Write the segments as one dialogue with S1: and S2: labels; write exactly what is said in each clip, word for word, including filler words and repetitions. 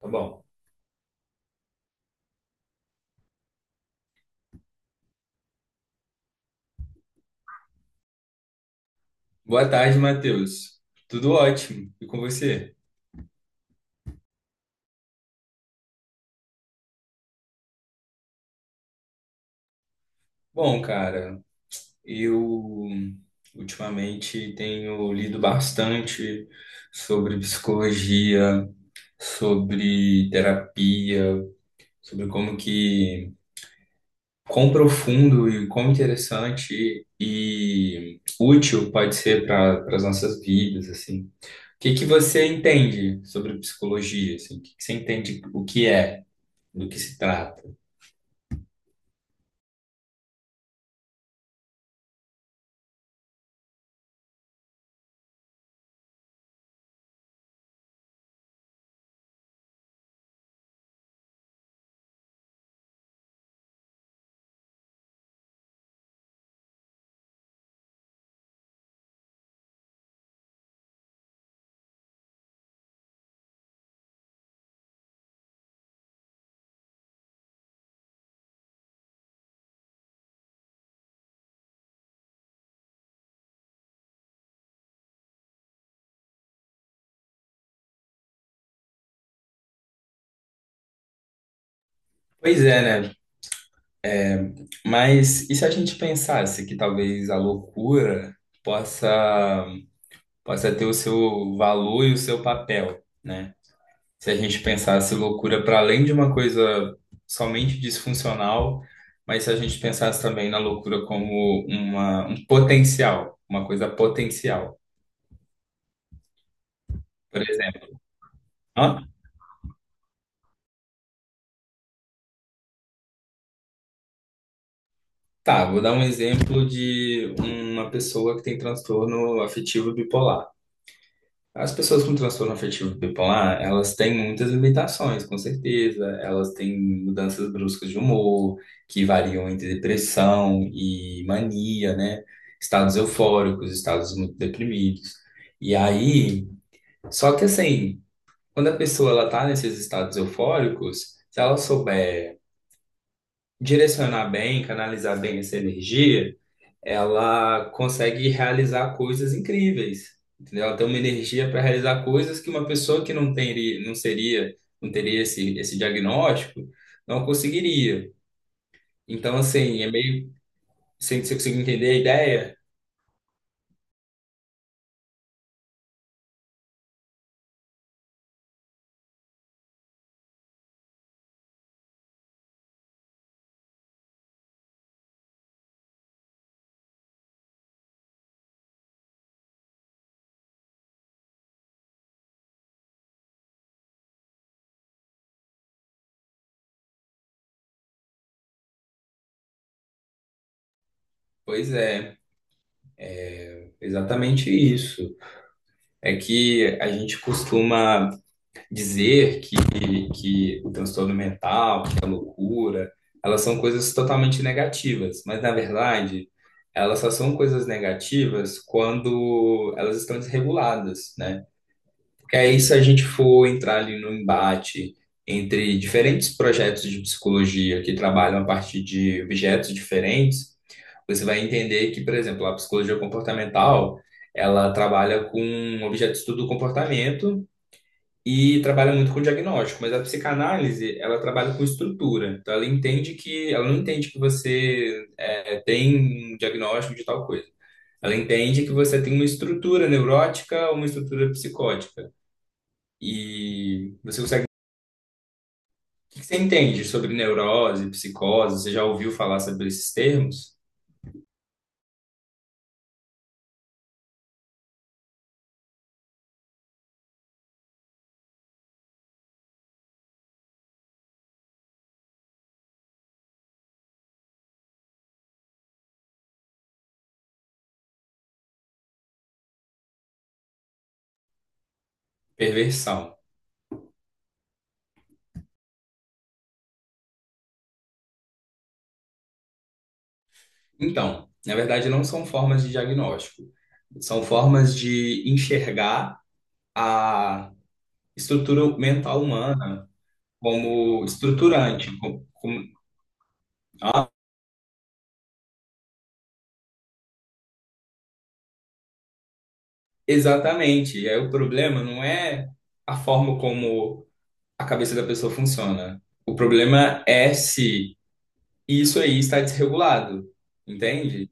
S1: Tá bom. Boa tarde, Matheus. Tudo ótimo. E com você? Bom, cara, eu ultimamente tenho lido bastante sobre psicologia, sobre terapia, sobre como que, quão profundo e quão interessante e útil pode ser para as nossas vidas, assim. O que que você entende sobre psicologia, assim? O que que você entende o que é, do que se trata? Pois é, né? Mas e se a gente pensasse que talvez a loucura possa, possa ter o seu valor e o seu papel, né? Se a gente pensasse loucura para além de uma coisa somente disfuncional, mas se a gente pensasse também na loucura como uma, um potencial, uma coisa potencial. Por exemplo, Hã? Tá, vou dar um exemplo de uma pessoa que tem transtorno afetivo bipolar. As pessoas com transtorno afetivo bipolar, elas têm muitas limitações, com certeza. Elas têm mudanças bruscas de humor, que variam entre depressão e mania, né? Estados eufóricos, estados muito deprimidos. E aí, só que assim, quando a pessoa ela tá nesses estados eufóricos, se ela souber direcionar bem, canalizar bem essa energia, ela consegue realizar coisas incríveis, entendeu? Ela tem uma energia para realizar coisas que uma pessoa que não teria, não seria, não teria esse, esse diagnóstico, não conseguiria. Então, assim, é meio, sem você conseguir entender a ideia? Pois é, exatamente isso. É que a gente costuma dizer que, que o transtorno mental, que a loucura, elas são coisas totalmente negativas, mas na verdade, elas só são coisas negativas quando elas estão desreguladas, né? Porque aí, se a gente for entrar ali no embate entre diferentes projetos de psicologia que trabalham a partir de objetos diferentes, você vai entender que, por exemplo, a psicologia comportamental, ela trabalha com objeto de estudo do comportamento e trabalha muito com diagnóstico, mas a psicanálise, ela trabalha com estrutura. Então, ela entende que, ela não entende que você é, tem um diagnóstico de tal coisa. Ela entende que você tem uma estrutura neurótica ou uma estrutura psicótica. E você consegue. O que que você entende sobre neurose, psicose? Você já ouviu falar sobre esses termos? Perversão. Então, na verdade, não são formas de diagnóstico, são formas de enxergar a estrutura mental humana como estruturante. como- como- Ah, exatamente. E aí o problema não é a forma como a cabeça da pessoa funciona. O problema é se isso aí está desregulado, entende?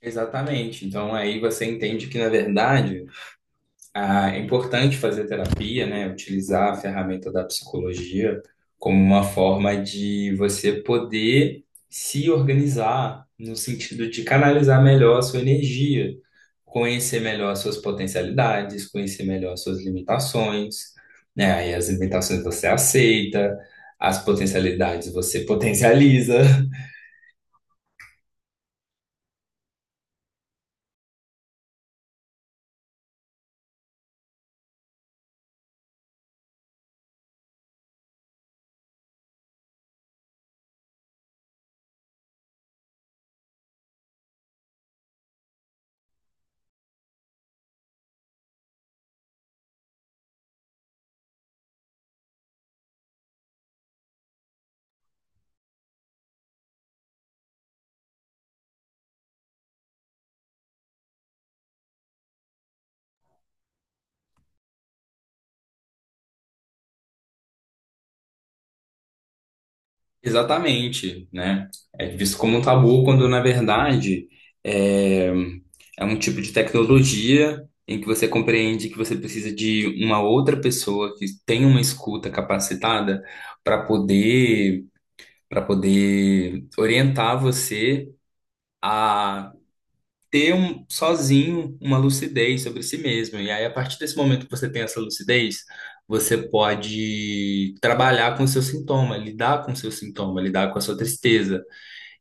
S1: Exatamente. Então aí você entende que, na verdade, ah, é importante fazer terapia, né? Utilizar a ferramenta da psicologia como uma forma de você poder se organizar no sentido de canalizar melhor a sua energia, conhecer melhor as suas potencialidades, conhecer melhor as suas limitações, né? Aí as limitações você aceita, as potencialidades você potencializa. Exatamente, né? É visto como um tabu quando, na verdade, é, é um tipo de tecnologia em que você compreende que você precisa de uma outra pessoa que tenha uma escuta capacitada para poder, para poder orientar você a ter um, sozinho uma lucidez sobre si mesmo. E aí, a partir desse momento que você tem essa lucidez, você pode trabalhar com o seu sintoma, lidar com o seu sintoma, lidar com a sua tristeza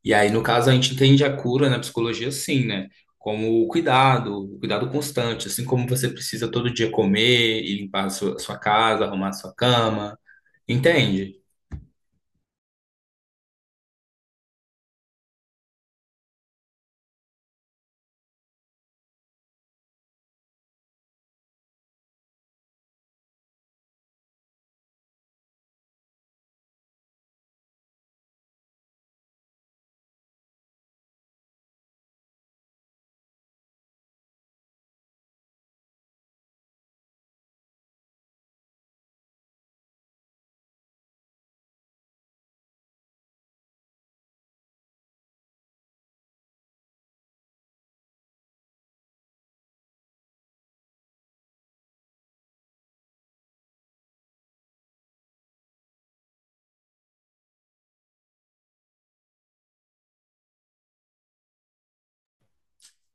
S1: e aí, no caso, a gente entende a cura na psicologia assim, né? Como o cuidado, o cuidado constante, assim como você precisa todo dia comer e limpar a sua, sua casa, arrumar a sua cama. Entende?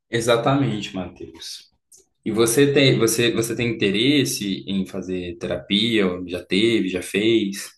S1: Exatamente, Matheus. E você tem, você, você tem interesse em fazer terapia? Ou já teve, já fez?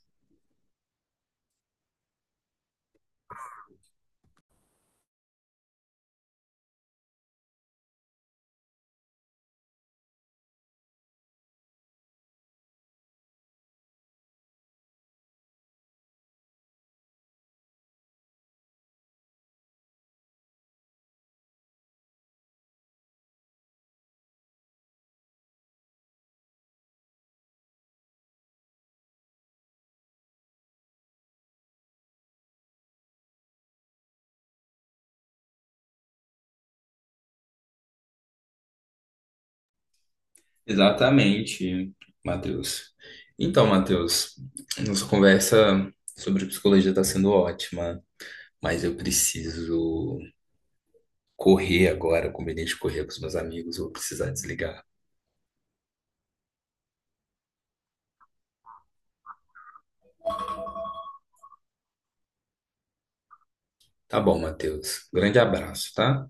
S1: Exatamente, Matheus. Então, Matheus, nossa conversa sobre psicologia está sendo ótima, mas eu preciso correr agora, eu combinei de correr com os meus amigos, vou precisar desligar. Tá bom, Matheus. Grande abraço, tá?